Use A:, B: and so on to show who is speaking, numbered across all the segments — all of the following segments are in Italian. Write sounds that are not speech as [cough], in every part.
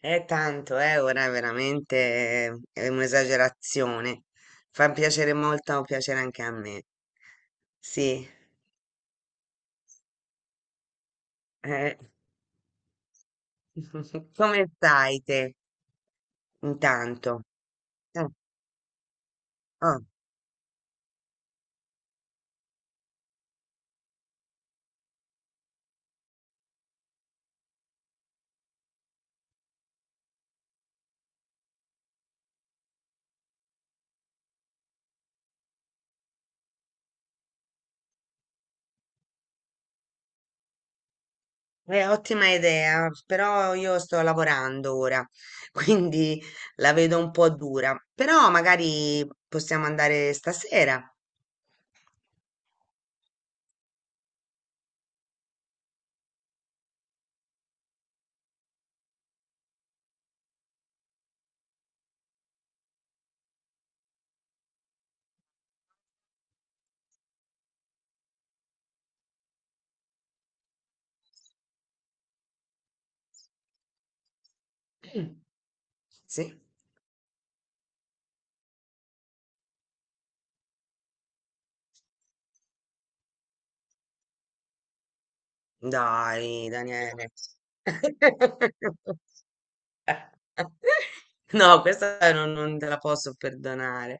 A: È tanto, ora è veramente è un'esagerazione. Fa piacere molto, piacere anche a me. Sì, eh. [laughs] Come stai te intanto? Eh, oh, è ottima idea, però io sto lavorando ora, [laughs] quindi la vedo un po' dura. Però magari possiamo andare stasera. Sì? Dai, Daniele. [laughs] [laughs] No, questa non te la posso perdonare.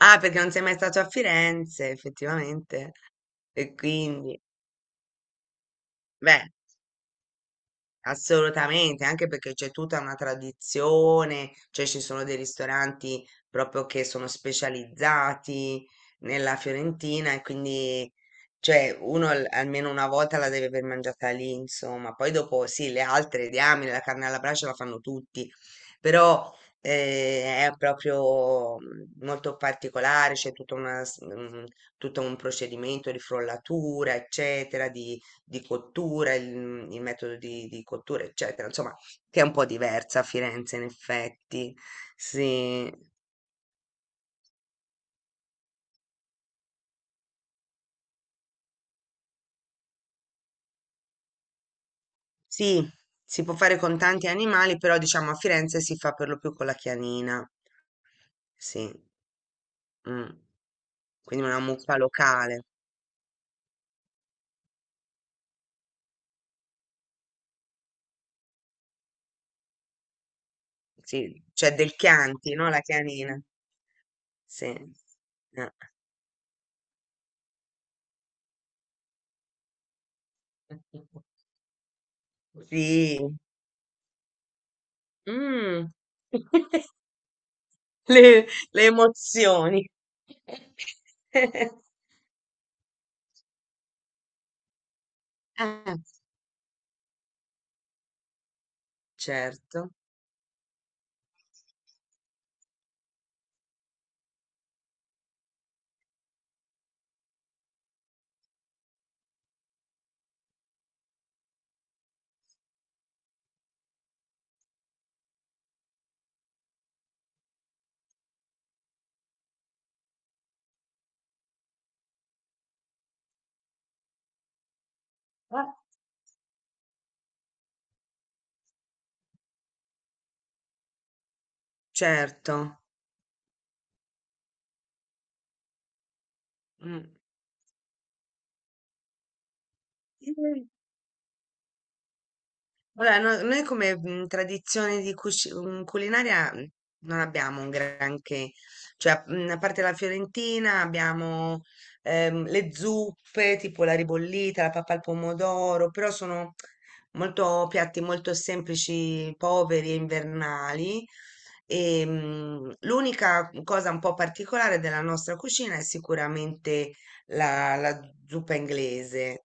A: Ah, perché non sei mai stato a Firenze, effettivamente. E quindi, beh. Assolutamente, anche perché c'è tutta una tradizione, cioè ci sono dei ristoranti proprio che sono specializzati nella Fiorentina e quindi cioè uno almeno una volta la deve aver mangiata lì, insomma. Poi dopo sì, le altre, diamine, la carne alla brace la fanno tutti, però è proprio molto particolare, c'è tutta tutto un procedimento di frollatura, eccetera, di cottura, il metodo di cottura, eccetera, insomma, che è un po' diversa a Firenze, in effetti. Sì, sì, si può fare con tanti animali, però diciamo a Firenze si fa per lo più con la chianina, sì, mm. Quindi una muffa locale, sì, cioè del Chianti, no? La chianina, sì. Eh. [laughs] Sì. Mm. [laughs] le, le emozioni. [laughs] Eh, certo, certo. Mm. Vabbè, noi come tradizione di culinaria non abbiamo un granché, cioè a parte la fiorentina abbiamo le zuppe, tipo la ribollita, la pappa al pomodoro, però sono molto piatti molto semplici, poveri e invernali. L'unica cosa un po' particolare della nostra cucina è sicuramente la zuppa inglese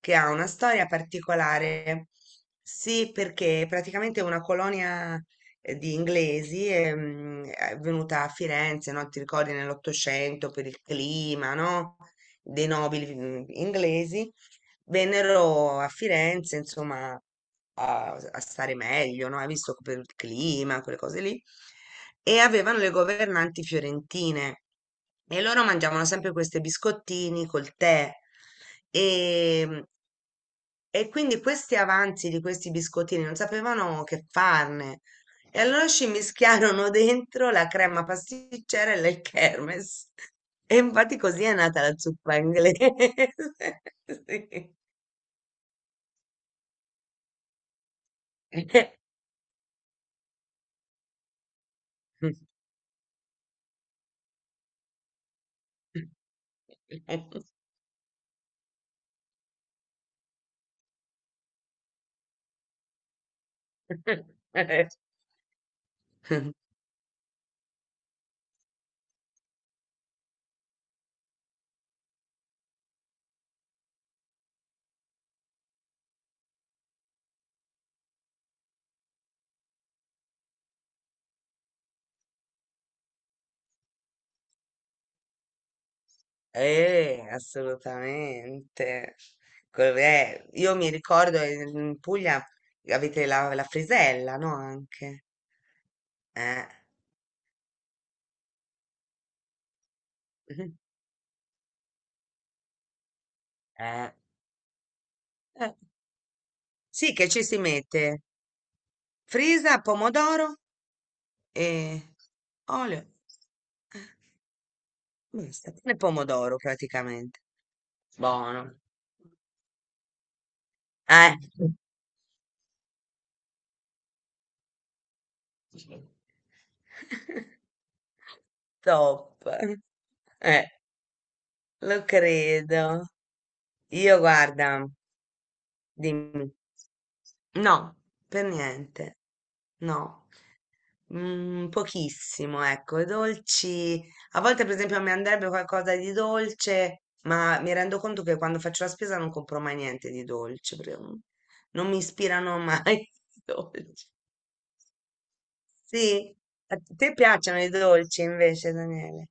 A: che ha una storia particolare. Sì, perché praticamente è una colonia di inglesi è venuta a Firenze, no? Ti ricordi nell'Ottocento per il clima, no? Dei nobili inglesi vennero a Firenze, insomma, a stare meglio, no? Hai visto che per il clima, quelle cose lì. E avevano le governanti fiorentine e loro mangiavano sempre questi biscottini col tè. E, e quindi questi avanzi di questi biscottini non sapevano che farne. E allora ci mischiarono dentro la crema pasticcera e il kermes. E infatti così è nata la zuppa inglese. [laughs] Sì. [laughs] Assolutamente. Io mi ricordo in Puglia avete la frisella, no? Anche. Eh. Mhm. Eh. Eh. Sì, che ci si mette frisa, pomodoro e olio. Eh, Basta, pane e pomodoro praticamente. Buono. Eh. [laughs] Top. Eh, lo credo. Io guarda, dimmi. No, per niente. No, mm, pochissimo, ecco. I dolci. A volte, per esempio, mi andrebbe qualcosa di dolce, ma mi rendo conto che quando faccio la spesa non compro mai niente di dolce, perché non mi ispirano mai [laughs] i dolci. Sì, a te piacciono i dolci invece, Daniele?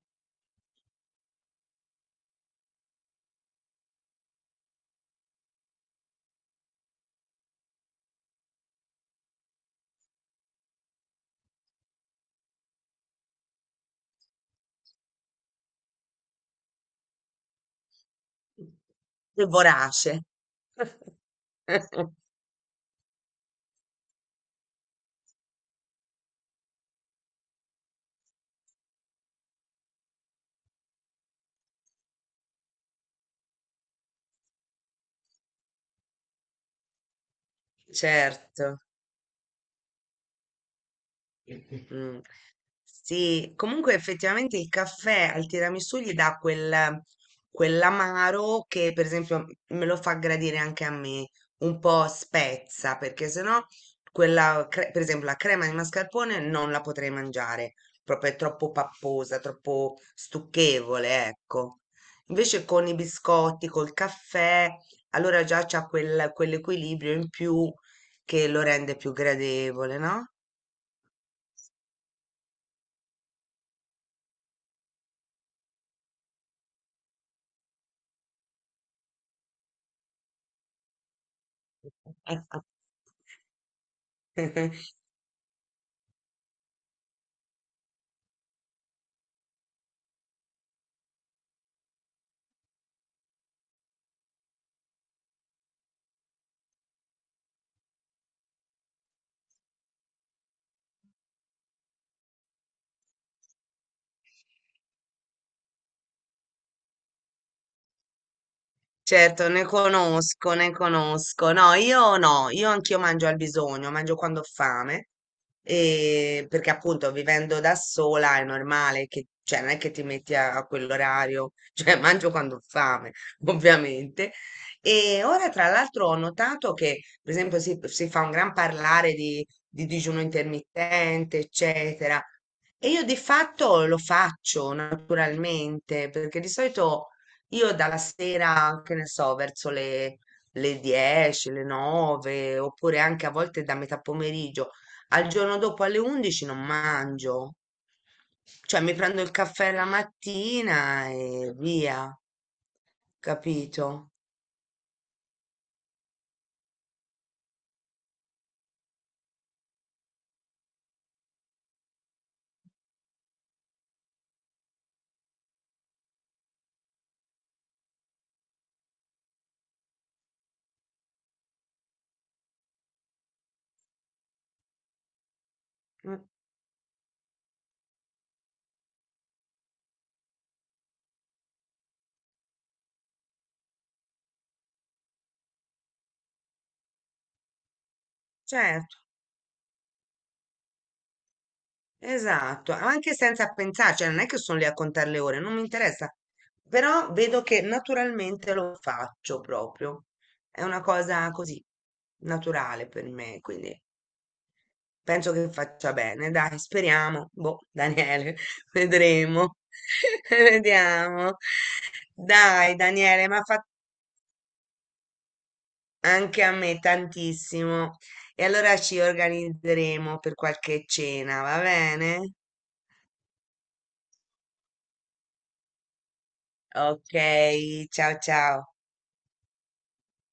A: Sei vorace. [laughs] Certo. Mm. Sì, comunque effettivamente il caffè al tiramisù gli dà quel, quell'amaro che per esempio me lo fa gradire anche a me, un po' spezza, perché sennò per esempio la crema di mascarpone non la potrei mangiare, proprio è troppo papposa, troppo stucchevole, ecco. Invece con i biscotti, col caffè, allora già c'ha quell'equilibrio in più che lo rende più gradevole, no? Ah, ah. [laughs] Certo, ne conosco, ne conosco. No, io no, io anch'io mangio al bisogno, mangio quando ho fame, e perché appunto vivendo da sola è normale che, cioè non è che ti metti a quell'orario, [laughs] cioè mangio quando ho fame, ovviamente. E ora tra l'altro ho notato che, per esempio, si fa un gran parlare di digiuno intermittente, eccetera. E io di fatto lo faccio naturalmente, perché di solito io dalla sera, che ne so, verso le 10, le 9, oppure anche a volte da metà pomeriggio al giorno dopo alle 11 non mangio. Cioè mi prendo il caffè la mattina e via, capito? Mm, certo, esatto, anche senza pensare, cioè non è che sono lì a contare le ore, non mi interessa, però vedo che naturalmente lo faccio proprio. È una cosa così naturale per me, quindi penso che faccia bene, dai, speriamo. Boh, Daniele, [laughs] vedremo. [laughs] Vediamo. Dai, Daniele, ma fa anche a me tantissimo. E allora ci organizzeremo per qualche cena, va bene? Ok, ciao ciao.